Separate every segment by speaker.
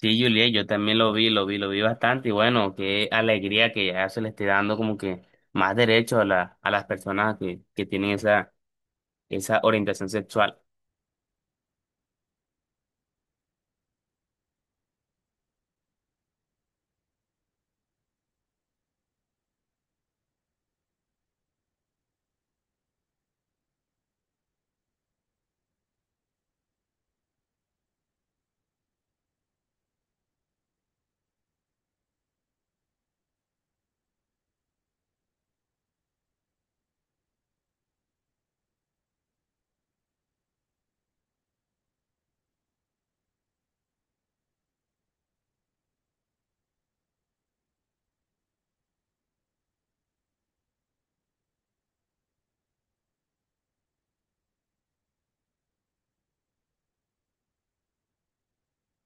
Speaker 1: Sí, Juliet, yo también lo vi, lo vi bastante y bueno, qué alegría que ya se le esté dando como que más derechos a a las personas que tienen esa orientación sexual.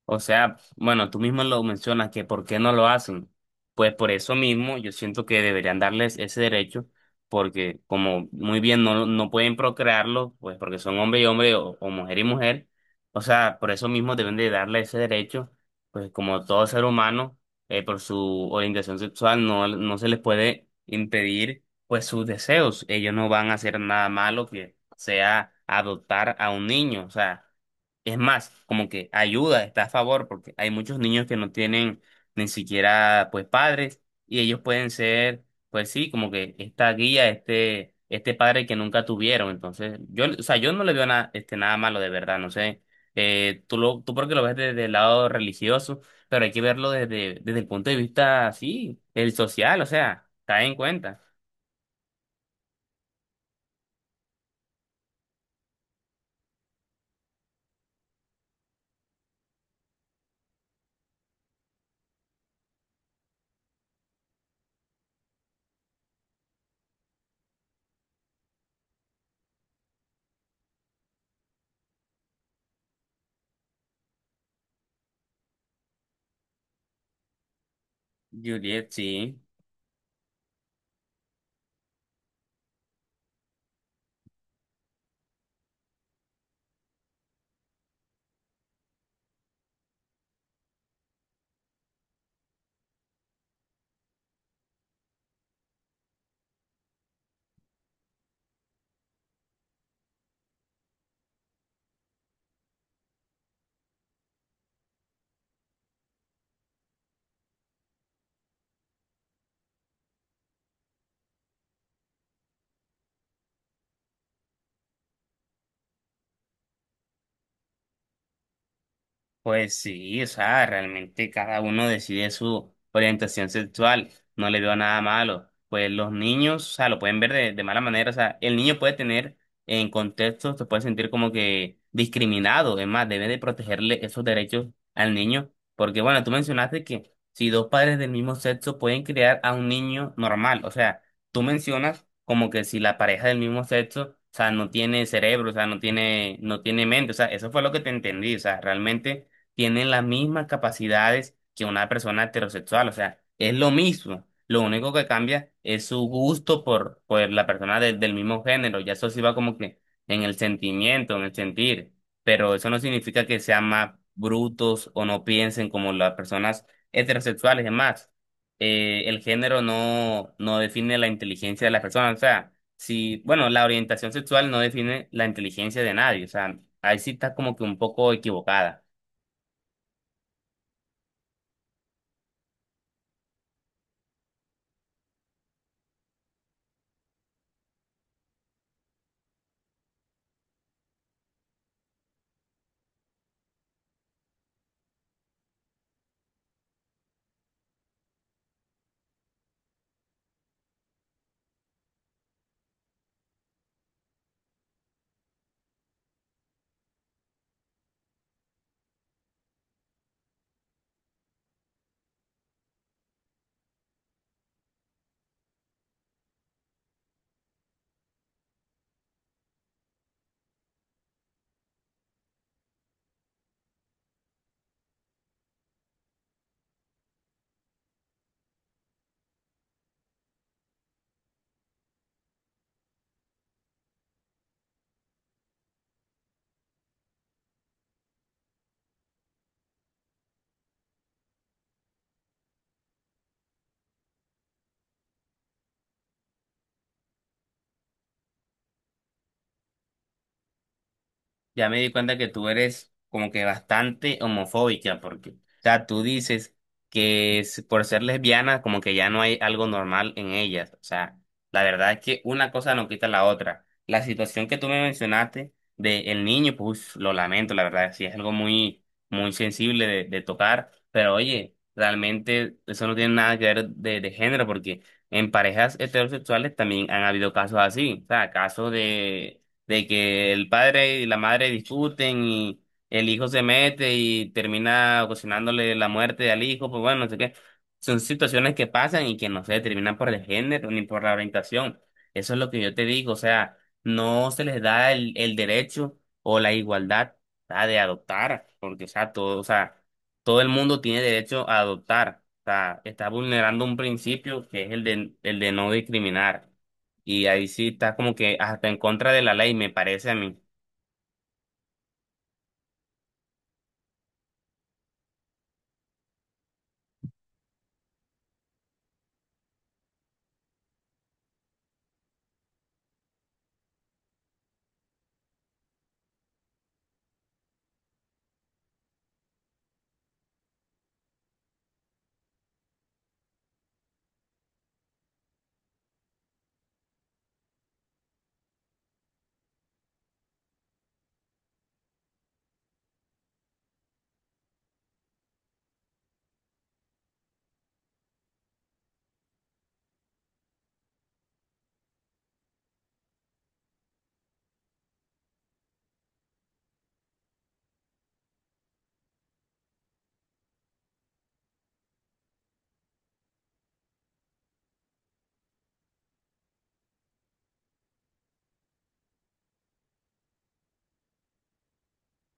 Speaker 1: O sea, bueno, tú mismo lo mencionas que por qué no lo hacen. Pues por eso mismo yo siento que deberían darles ese derecho, porque como muy bien no pueden procrearlo, pues porque son hombre y hombre o mujer y mujer, o sea, por eso mismo deben de darle ese derecho, pues como todo ser humano, por su orientación sexual no se les puede impedir pues sus deseos. Ellos no van a hacer nada malo que sea adoptar a un niño, o sea. Es más, como que ayuda, está a favor, porque hay muchos niños que no tienen ni siquiera pues padres y ellos pueden ser, pues sí, como que esta guía, este padre que nunca tuvieron. Entonces, yo, o sea, yo no le veo nada, este, nada malo de verdad, no sé. Tú lo, tú porque lo ves desde el lado religioso, pero hay que verlo desde, desde el punto de vista, sí, el social, o sea, cae en cuenta. Juliet, sí. Pues sí, o sea, realmente cada uno decide su orientación sexual, no le veo nada malo. Pues los niños, o sea, lo pueden ver de mala manera, o sea, el niño puede tener en contextos, se puede sentir como que discriminado, es más, debe de protegerle esos derechos al niño, porque bueno, tú mencionaste que si dos padres del mismo sexo pueden criar a un niño normal, o sea, tú mencionas como que si la pareja del mismo sexo, o sea, no tiene cerebro, o sea, no tiene mente, o sea, eso fue lo que te entendí, o sea, realmente tienen las mismas capacidades que una persona heterosexual, o sea, es lo mismo. Lo único que cambia es su gusto por la persona del mismo género, ya eso sí va como que en el sentimiento, en el sentir, pero eso no significa que sean más brutos o no piensen como las personas heterosexuales, es más, el género no define la inteligencia de las personas, o sea, si, bueno, la orientación sexual no define la inteligencia de nadie, o sea, ahí sí está como que un poco equivocada. Ya me di cuenta que tú eres como que bastante homofóbica, porque, o sea, tú dices que por ser lesbiana, como que ya no hay algo normal en ellas. O sea, la verdad es que una cosa no quita la otra. La situación que tú me mencionaste de el niño, pues lo lamento, la verdad, sí es algo muy, muy sensible de tocar, pero oye, realmente eso no tiene nada que ver de género, porque en parejas heterosexuales también han habido casos así, o sea, casos de que el padre y la madre discuten y el hijo se mete y termina ocasionándole la muerte al hijo, pues bueno, no sé qué. Son situaciones que pasan y que no se determinan por el género ni por la orientación. Eso es lo que yo te digo, o sea, no se les da el derecho o la igualdad ¿verdad? De adoptar, porque o sea, todo el mundo tiene derecho a adoptar. O sea, está vulnerando un principio que es el de no discriminar. Y ahí sí está como que hasta en contra de la ley, me parece a mí.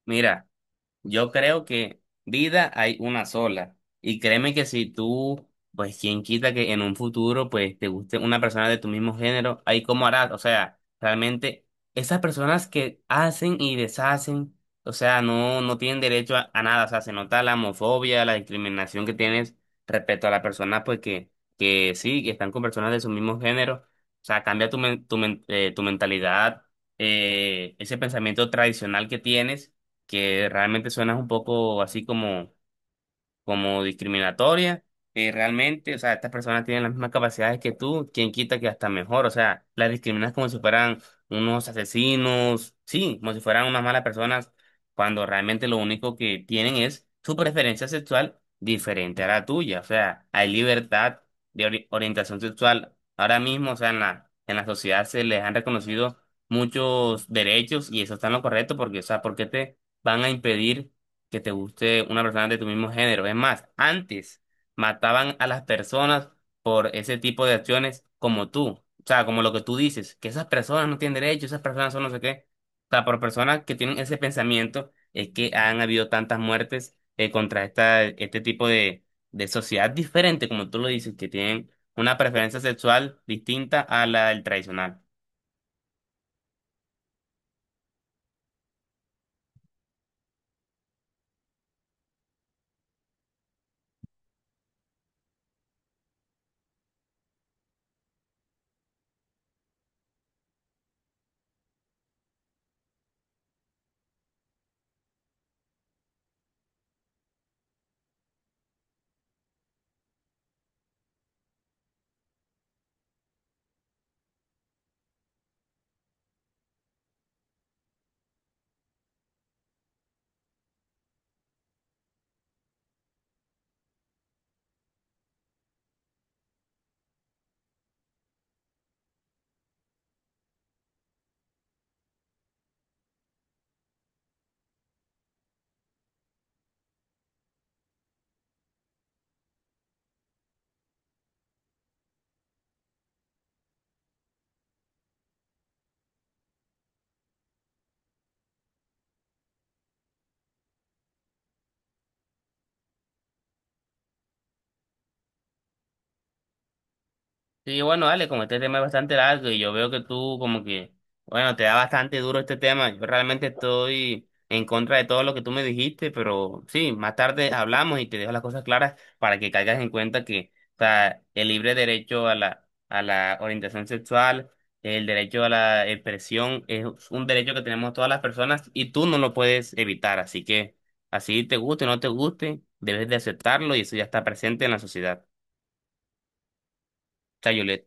Speaker 1: Mira. Yo creo que vida hay una sola. Y créeme que si tú, pues quién quita que en un futuro, pues te guste una persona de tu mismo género, ahí cómo harás. O sea, realmente esas personas que hacen y deshacen, o sea, no tienen derecho a nada. O sea, se nota la homofobia, la discriminación que tienes respecto a las personas, pues que sí, que están con personas de su mismo género. O sea, cambia tu mentalidad, ese pensamiento tradicional que tienes que realmente suenas un poco así como, como discriminatoria. Realmente, o sea, estas personas tienen las mismas capacidades que tú, quien quita que hasta mejor, o sea, las discriminas como si fueran unos asesinos, sí, como si fueran unas malas personas, cuando realmente lo único que tienen es su preferencia sexual diferente a la tuya, o sea, hay libertad de orientación sexual. Ahora mismo, o sea, en en la sociedad se les han reconocido muchos derechos y eso está en lo correcto porque, o sea, ¿por qué te van a impedir? Que te guste una persona de tu mismo género. Es más, antes mataban a las personas por ese tipo de acciones como tú. O sea, como lo que tú dices, que esas personas no tienen derecho, esas personas son no sé qué. O sea, por personas que tienen ese pensamiento es que han habido tantas muertes contra esta, este tipo de sociedad diferente, como tú lo dices, que tienen una preferencia sexual distinta a la del tradicional. Sí, bueno, dale, como este tema es bastante largo y yo veo que tú como que, bueno, te da bastante duro este tema. Yo realmente estoy en contra de todo lo que tú me dijiste, pero sí, más tarde hablamos y te dejo las cosas claras para que caigas en cuenta que, o sea, el libre derecho a a la orientación sexual, el derecho a la expresión, es un derecho que tenemos todas las personas y tú no lo puedes evitar. Así que, así te guste o no te guste, debes de aceptarlo y eso ya está presente en la sociedad. Chao, Juliet.